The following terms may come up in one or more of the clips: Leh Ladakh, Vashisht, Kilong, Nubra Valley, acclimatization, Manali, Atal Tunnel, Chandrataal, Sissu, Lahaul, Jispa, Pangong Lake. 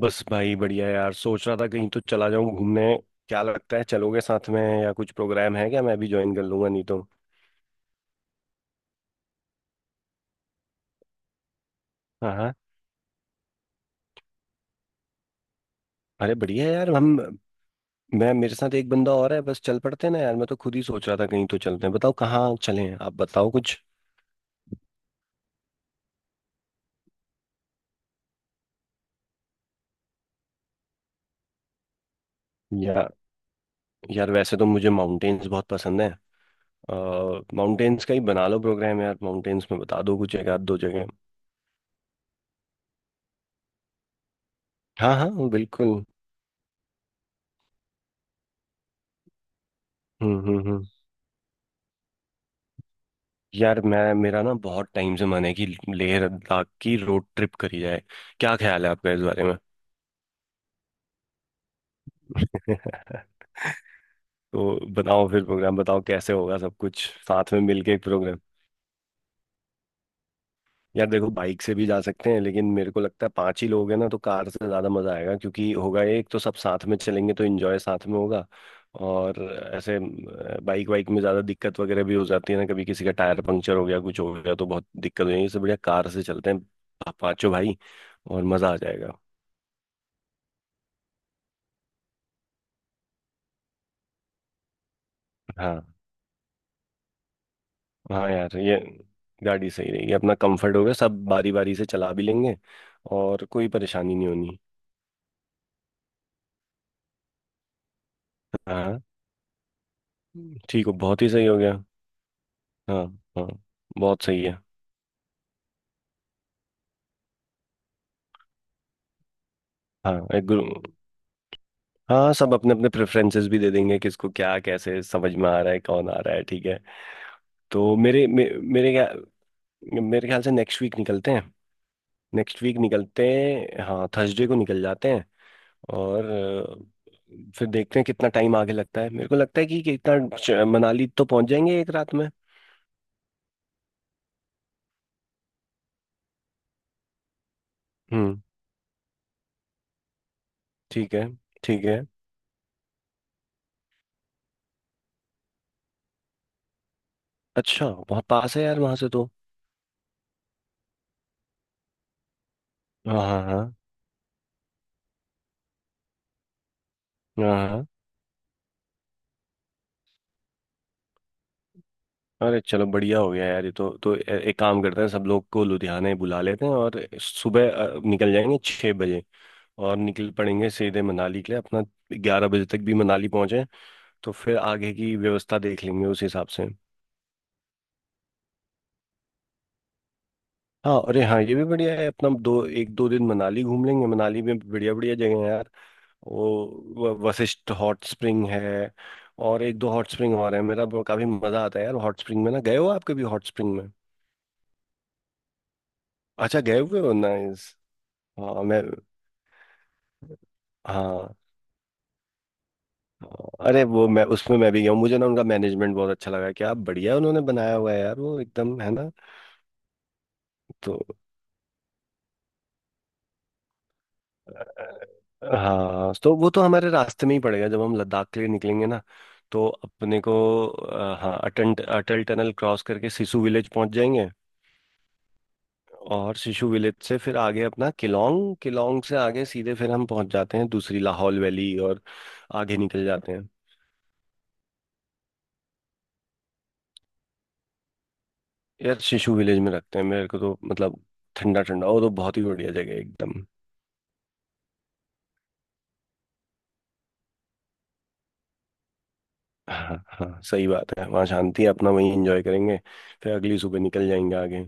बस भाई, बढ़िया यार। सोच रहा था कहीं तो चला जाऊं घूमने। क्या लगता है, चलोगे साथ में या कुछ प्रोग्राम है क्या? मैं भी ज्वाइन कर लूंगा नहीं तो। हाँ हाँ। अरे बढ़िया यार हम मैं मेरे साथ एक बंदा और है। बस चल पड़ते हैं ना यार। मैं तो खुद ही सोच रहा था कहीं तो चलते हैं। बताओ कहाँ चलें, आप बताओ कुछ। या। यार वैसे तो मुझे माउंटेन्स बहुत पसंद है। माउंटेन्स का ही बना लो प्रोग्राम यार। माउंटेन्स में बता दो कुछ एक आध दो जगह। हाँ हाँ बिल्कुल। हम्म। यार मैं मेरा ना बहुत टाइम से मन है कि लेह लद्दाख की रोड ट्रिप करी जाए। क्या ख्याल है आपका इस बारे में? तो बताओ फिर प्रोग्राम, बताओ कैसे होगा सब कुछ साथ में मिलके एक प्रोग्राम। यार देखो बाइक से भी जा सकते हैं, लेकिन मेरे को लगता है पांच ही लोग हैं ना तो कार से ज़्यादा मज़ा आएगा, क्योंकि होगा ये, एक तो सब साथ में चलेंगे तो एंजॉय साथ में होगा। और ऐसे, बाइक वाइक में ज़्यादा दिक्कत वगैरह भी हो जाती है ना। कभी किसी का टायर पंक्चर हो गया कुछ हो गया तो बहुत दिक्कत हो जाएगी, इससे बढ़िया कार से चलते हैं, पांचों भाई। और मज़ा आ जाएगा। हाँ हाँ यार, ये गाड़ी सही रहेगी, अपना कंफर्ट होगा, सब बारी बारी से चला भी लेंगे। और कोई परेशानी नहीं होनी। हाँ। ठीक हो, बहुत ही सही हो गया। हाँ। हाँ। बहुत सही है। हाँ, एक ग्रुप। हाँ, सब अपने अपने प्रेफरेंसेस भी दे देंगे, किसको क्या कैसे समझ में आ रहा है, कौन आ रहा है। ठीक है। तो मेरे मे, मेरे क्या मेरे ख्याल से नेक्स्ट वीक निकलते हैं। नेक्स्ट वीक निकलते हैं, हाँ, थर्सडे को निकल जाते हैं। और फिर देखते हैं कितना टाइम आगे लगता है। मेरे को लगता है कि कितना मनाली तो पहुंच जाएंगे एक रात में। हम्म। ठीक है। ठीक है। अच्छा बहुत पास है यार वहां से तो। हाँ हाँ हाँ। हाँ हाँ। अरे चलो, बढ़िया हो गया यार ये तो। तो एक काम करते हैं, सब लोग को लुधियाने बुला लेते हैं और सुबह निकल जाएंगे 6 बजे। और निकल पड़ेंगे सीधे मनाली के लिए अपना। 11 बजे तक भी मनाली पहुंचे तो फिर आगे की व्यवस्था देख लेंगे उस हिसाब से। हाँ अरे हाँ, ये भी बढ़िया है। अपना दो एक दो दिन मनाली घूम लेंगे। मनाली में बढ़िया बढ़िया जगह है यार। वो वशिष्ठ हॉट स्प्रिंग है। और एक दो हॉट स्प्रिंग और है, काफी मजा आता है यार हॉट स्प्रिंग में। ना गए हो आप कभी हॉट स्प्रिंग में? अच्छा, गए हुए हो, नाइस। हाँ मैं। हाँ हाँ। अरे वो, मैं भी गया हूँ। मुझे ना उनका मैनेजमेंट बहुत अच्छा लगा, क्या बढ़िया उन्होंने बनाया हुआ है यार, वो एकदम, है ना। तो। हाँ, तो वो तो हमारे रास्ते में ही पड़ेगा जब हम लद्दाख के लिए निकलेंगे ना। तो अपने को हाँ, अटल अटल टनल क्रॉस करके सिसु विलेज पहुंच जाएंगे। और सिसु विलेज से फिर आगे अपना किलोंग, किलोंग से आगे सीधे फिर हम पहुंच जाते हैं दूसरी लाहौल वैली, और आगे निकल जाते हैं। यार सिसु विलेज में रखते हैं, मेरे को तो मतलब ठंडा ठंडा, वो तो बहुत ही बढ़िया जगह है एकदम। हाँ हाँ सही बात है, वहाँ शांति है, अपना वहीं एंजॉय करेंगे। फिर अगली सुबह निकल जाएंगे आगे।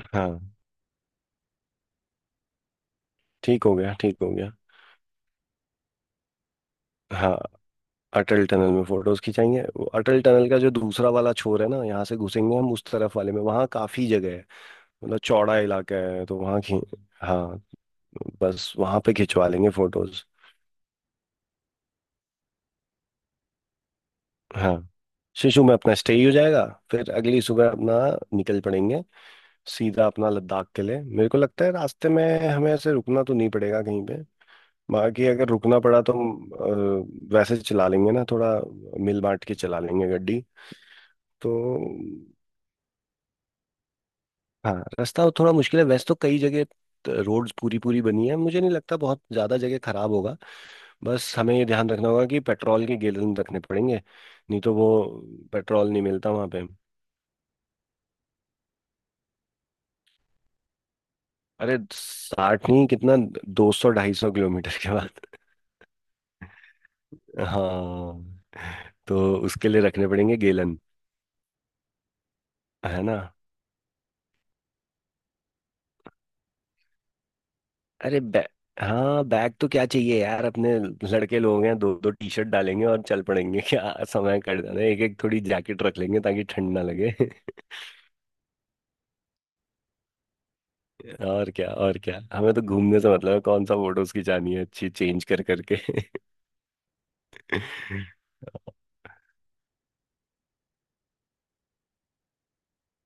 हाँ ठीक हो गया ठीक हो गया। हाँ अटल टनल में फोटोज खिंचाएंगे। वो अटल टनल का जो दूसरा वाला छोर है ना, यहाँ से घुसेंगे हम, उस तरफ वाले में वहाँ काफी जगह है। मतलब चौड़ा इलाका है, तो वहाँ खी। हाँ बस वहाँ पे खिंचवा लेंगे फोटोज। हाँ। शिशु में अपना स्टे ही हो जाएगा। फिर अगली सुबह अपना निकल पड़ेंगे, सीधा अपना लद्दाख के लिए। मेरे को लगता है रास्ते में हमें ऐसे रुकना तो नहीं पड़ेगा कहीं पे। बाकी अगर रुकना पड़ा तो हम वैसे चला लेंगे ना थोड़ा, मिल बांट के चला लेंगे गड्डी। तो हाँ, रास्ता थोड़ा मुश्किल है वैसे तो कई जगह, रोड्स पूरी पूरी बनी है, मुझे नहीं लगता बहुत ज़्यादा जगह खराब होगा। बस हमें ये ध्यान रखना होगा कि पेट्रोल के गैलन रखने पड़ेंगे, नहीं तो वो पेट्रोल नहीं मिलता वहाँ पे। अरे 60 नहीं, कितना, 200-250 किलोमीटर के बाद। हाँ तो उसके लिए रखने पड़ेंगे गैलन, है ना। अरे हाँ, बैग तो क्या चाहिए यार अपने, लड़के लोग हैं, दो दो टी शर्ट डालेंगे और चल पड़ेंगे क्या समय कट जाना है, एक एक थोड़ी जैकेट रख लेंगे ताकि ठंड ना लगे। और क्या, और क्या, हमें तो घूमने से मतलब है, कौन सा फोटोज खिंचानी है अच्छी, चेंज कर करके।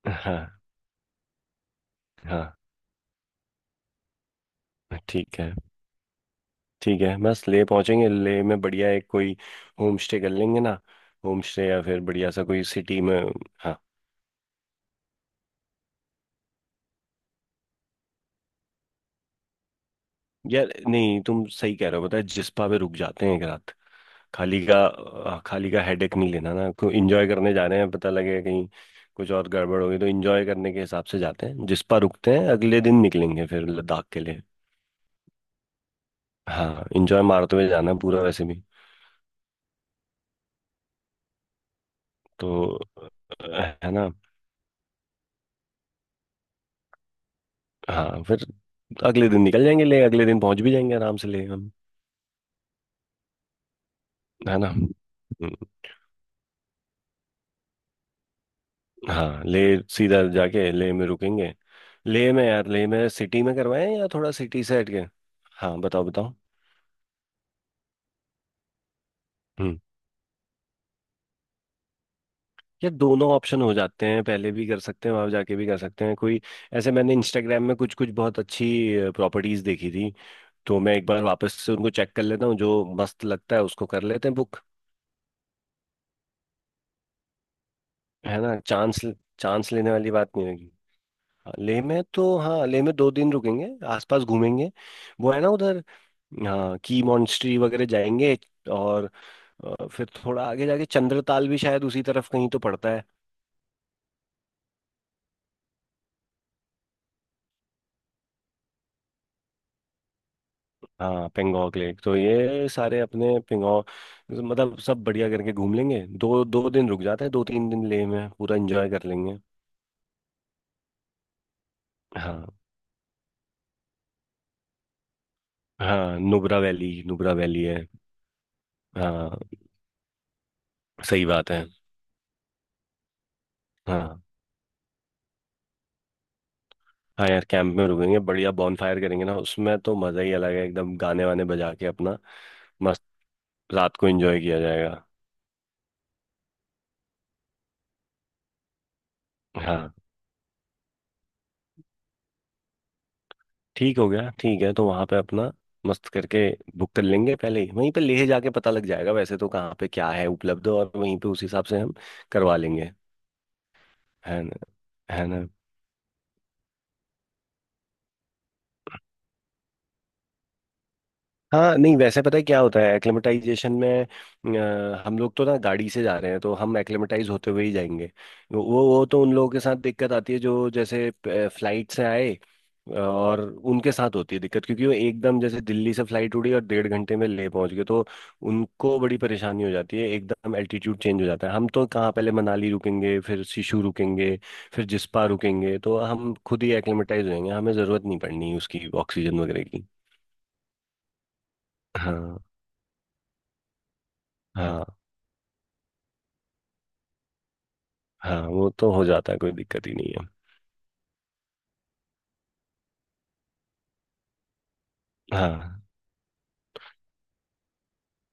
हाँ हाँ। ठीक है, ठीक है। बस ले पहुंचेंगे, ले में बढ़िया एक कोई होम स्टे कर लेंगे ना। होम स्टे या फिर बढ़िया सा कोई सिटी में। हाँ यार नहीं, तुम सही कह रहे हो, पता है, जिस्पा पे रुक जाते हैं एक रात। खाली का हेडेक नहीं लेना ना, क्यों। इंजॉय करने जा रहे हैं, पता लगे कहीं कुछ और गड़बड़ होगी, तो इंजॉय करने के हिसाब से जाते हैं, जिस पर रुकते हैं अगले दिन, निकलेंगे फिर लद्दाख के लिए। हाँ, इंजॉय मारते हुए जाना है पूरा वैसे भी। तो है ना। हाँ फिर अगले दिन निकल जाएंगे ले, अगले दिन पहुंच भी जाएंगे आराम से ले हम। है ना। हाँ ले। सीधा जाके ले में रुकेंगे। ले में यार, ले में सिटी में करवाएं या थोड़ा सिटी से हट के? हाँ बताओ बताओ। यार दोनों ऑप्शन हो जाते हैं, पहले भी कर सकते हैं, वहां जाके भी कर सकते हैं कोई। ऐसे मैंने इंस्टाग्राम में कुछ कुछ बहुत अच्छी प्रॉपर्टीज देखी थी। तो मैं एक बार वापस से उनको चेक कर लेता हूँ, जो मस्त लगता है उसको कर लेते हैं बुक। है ना। चांस, चांस लेने वाली बात नहीं होगी। हाँ, लेह में तो हाँ, लेह में 2 दिन रुकेंगे, आसपास घूमेंगे। वो है ना, उधर हाँ की मॉन्स्ट्री वगैरह जाएंगे। और फिर थोड़ा आगे जाके चंद्रताल भी शायद उसी तरफ कहीं तो पड़ता है। हाँ पेंगोंग लेक तो, ये सारे अपने पेंगोंग मतलब सब बढ़िया करके घूम लेंगे। दो दो दिन रुक जाते हैं, 2-3 दिन लेह में पूरा एंजॉय कर लेंगे। हाँ हाँ, नुब्रा वैली, नुब्रा वैली है। हाँ सही बात है। हाँ हाँ यार कैंप में रुकेंगे बढ़िया। फायर करेंगे ना उसमें, तो मज़ा ही अलग है एकदम। गाने वाने बजा के अपना, मस्त रात को एंजॉय किया जाएगा। हाँ ठीक हो गया, ठीक है। तो वहां पे अपना मस्त करके बुक कर लेंगे पहले ही। वहीं पे लेह जाके पता लग जाएगा वैसे तो, कहाँ पे क्या है उपलब्ध, और वहीं पे उस हिसाब से हम करवा लेंगे। है ना, है ना। हाँ नहीं, वैसे पता है क्या होता है एक्लेमेटाइजेशन में। हम लोग तो ना गाड़ी से जा रहे हैं, तो हम एक्लेमेटाइज होते हुए ही जाएंगे। वो तो उन लोगों के साथ दिक्कत आती है जो जैसे फ्लाइट से आए, और उनके साथ होती है दिक्कत, क्योंकि वो एकदम जैसे दिल्ली से फ्लाइट उड़ी और 1.5 घंटे में ले पहुंच गए तो। उनको बड़ी परेशानी हो जाती है, एकदम एल्टीट्यूड चेंज हो जाता है। हम तो कहाँ, पहले मनाली रुकेंगे, फिर शिशु रुकेंगे, फिर जिस्पा रुकेंगे, तो हम खुद ही एक्लेमेटाइज होंगे। हमें ज़रूरत नहीं पड़नी उसकी, ऑक्सीजन वगैरह की। हाँ। हाँ। हाँ वो तो हो जाता है, कोई दिक्कत ही नहीं है। हाँ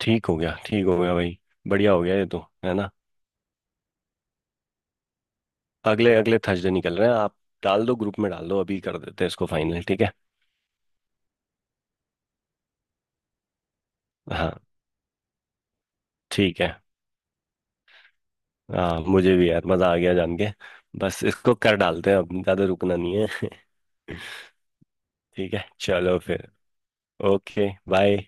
ठीक हो गया भाई, बढ़िया हो गया ये तो। है ना। अगले अगले थर्सडे निकल रहे हैं आप। डाल दो ग्रुप में, डाल दो, अभी कर देते हैं इसको फाइनल, ठीक है। हाँ ठीक है। हाँ, मुझे भी यार मज़ा आ गया जान के। बस इसको कर डालते हैं, अब ज़्यादा रुकना नहीं है। ठीक है, चलो फिर। Okay bye.